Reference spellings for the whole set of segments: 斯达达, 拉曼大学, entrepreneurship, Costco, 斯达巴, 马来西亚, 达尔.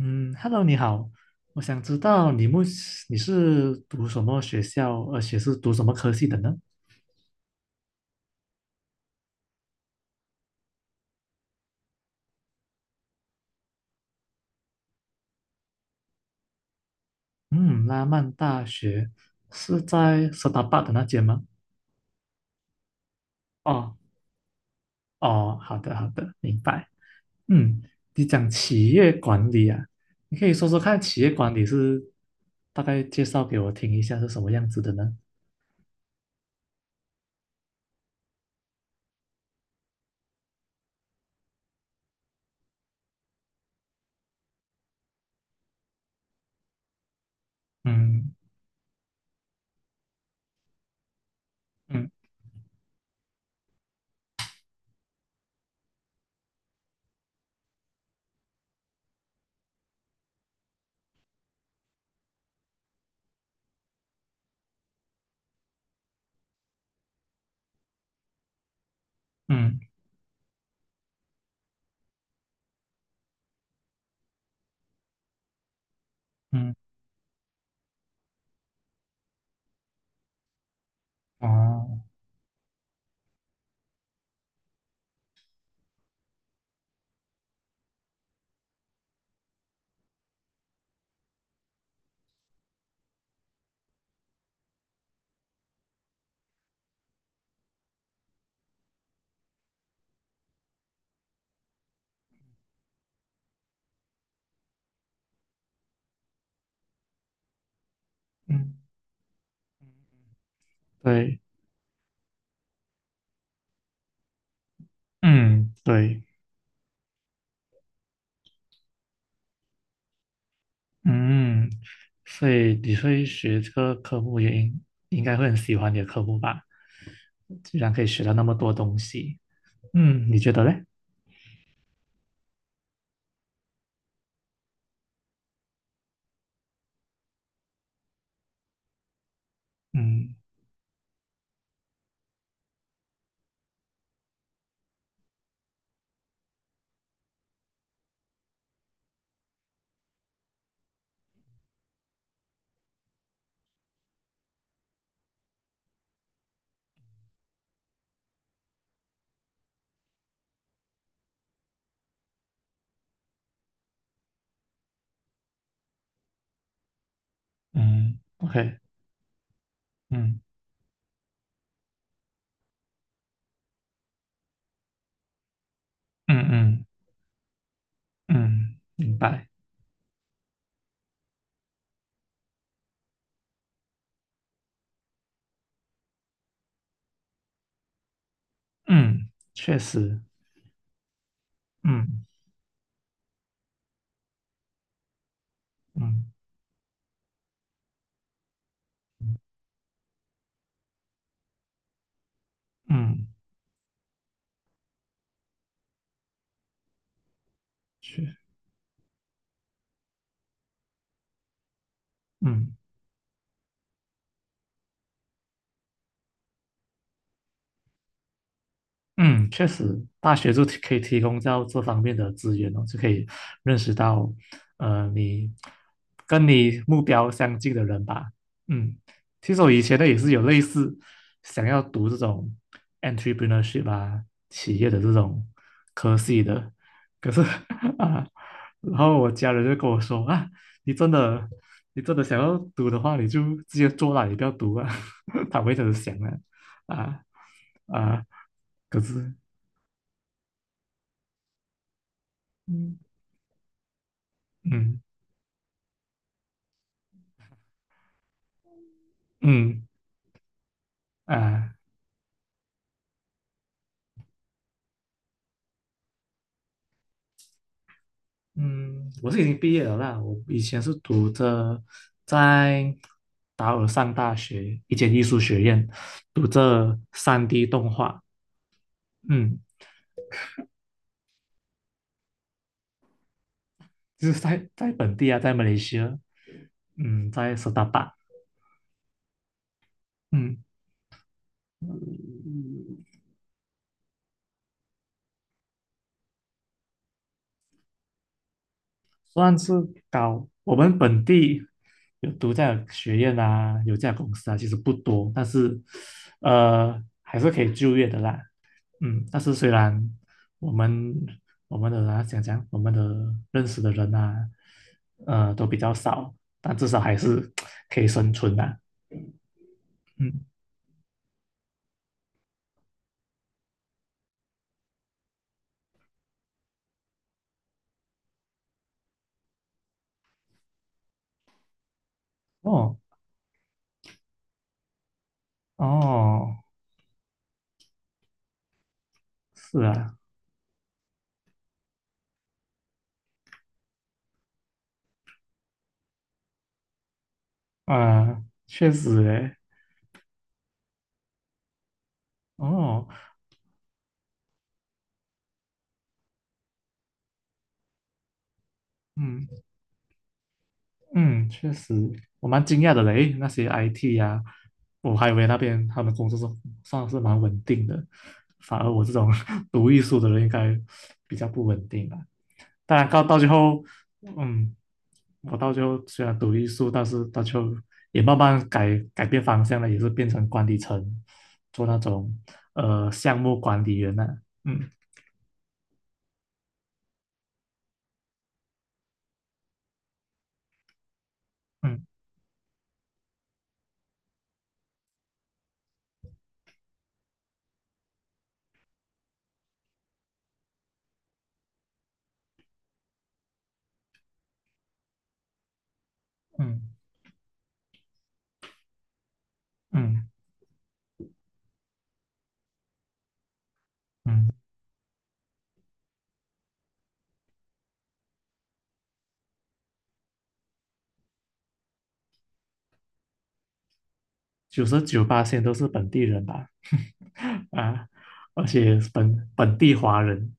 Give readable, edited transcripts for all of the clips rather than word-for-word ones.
嗯，Hello，你好，我想知道你目你是读什么学校，而且是读什么科系的呢？嗯，拉曼大学是在斯达巴的那间吗？哦哦，好的好的，明白。嗯，你讲企业管理啊，你可以说说看企业管理是，大概介绍给我听一下是什么样子的呢？嗯嗯嗯嗯，哦，嗯，对，嗯对。嗯，所以你会学这个科目也应该会很喜欢你的科目吧？居然可以学到那么多东西，嗯，你觉得嘞？嗯嗯，OK，嗯嗯嗯嗯，明白，嗯，确实，嗯嗯嗯，确，嗯。嗯，确实，大学可以提供到这方面的资源哦，就可以认识到，呃，你跟你目标相近的人吧。嗯，其实我以前呢也是有类似想要读这种 entrepreneurship 啊，企业的这种科系的，可是 啊，然后我家人就跟我说啊，你真的你真的想要读的话，你就直接做啦，你不要读啊。他们会这直想啊啊啊，可是。嗯嗯嗯啊嗯，我是已经毕业了啦。我以前是读着在达尔上大学一间艺术学院，读着三 d 动画。嗯，就是在本地啊，在马来西亚，嗯，在斯达达。嗯，算是高。我们本地有这样的学院啊，有这样的公司啊，其实不多，但是还是可以就业的啦。嗯，但是虽然我们我们的啊讲讲我们的认识的人呐，都比较少，但至少还是可以生存的。嗯，哦哦，是啊，啊、确实诶，哦，嗯。嗯，确实，我蛮惊讶的嘞。那些 IT 呀、我还以为那边他们工作算是蛮稳定的，反而我这种 读艺术的人应该比较不稳定吧，当然，到最后，嗯，我到最后虽然读艺术，但是到最后也慢慢改变方向了，也是变成管理层，做那种项目管理员了、嗯嗯嗯嗯嗯。嗯九十九八线都是本地人吧，啊，而且本地华人，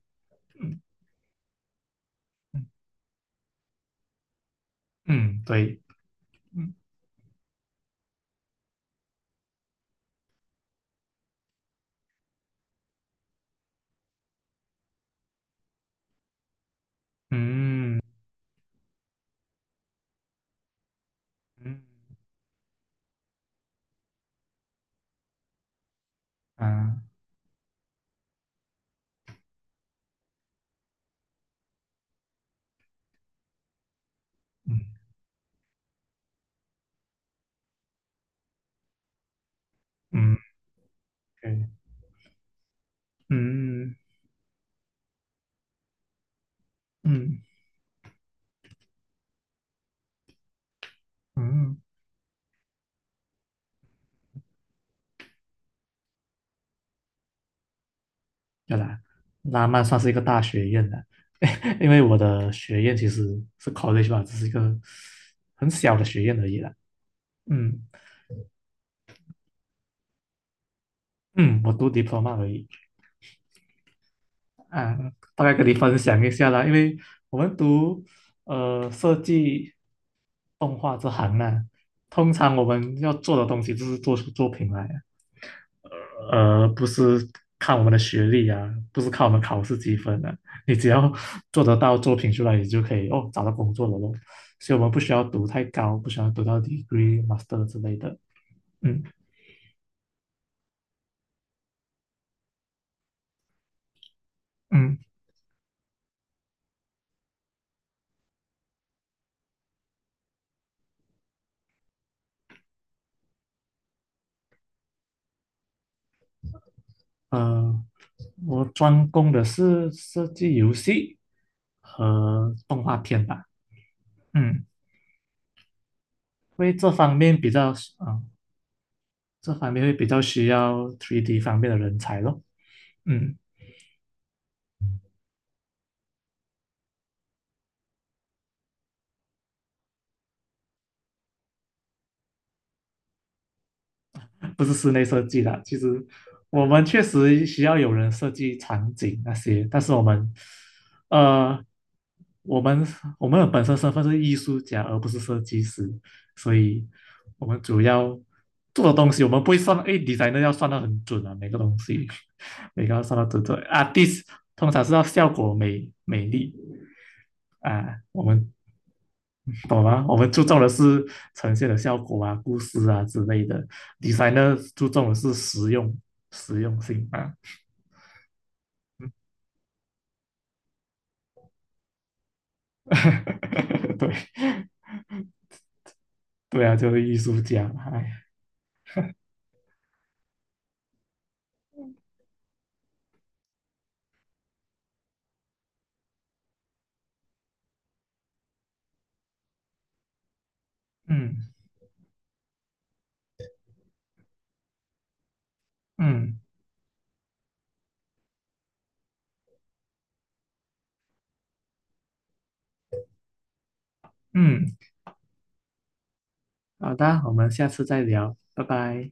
嗯，嗯对，嗯嗯嗯啊嗯嗯，对，嗯嗯嗯，对啦，拉曼算是一个大学院的，因为我的学院其实是 college 吧，只是一个很小的学院而已啦，嗯嗯，我读 diploma 而已。嗯，大概跟你分享一下啦，因为我们读设计动画这行呢，通常我们要做的东西就是做出作品来啊不是看我们的学历啊，不是看我们考试积分的，你只要做得到作品出来，你就可以哦找到工作了咯。所以我们不需要读太高，不需要读到 degree、master 之类的。嗯嗯，呃，我专攻的是设计游戏和动画片吧。嗯，因为这方面会比较需要三 d 方面的人才咯。嗯，不是室内设计啦，其实我们确实需要有人设计场景那些，但是呃，我们我们的本身身份是艺术家，而不是设计师，所以我们主要做的东西，我们不会算，诶 d e s 要算的很准啊，每个东西 每个要算的准准。artist 通常是要效果美丽啊，我们懂吗？我们注重的是呈现的效果啊、故事啊之类的，designer 注重的是实用、实用性啊。嗯 对，对啊，就是艺术家嘛。哎，嗯嗯嗯，好的，我们下次再聊，拜拜。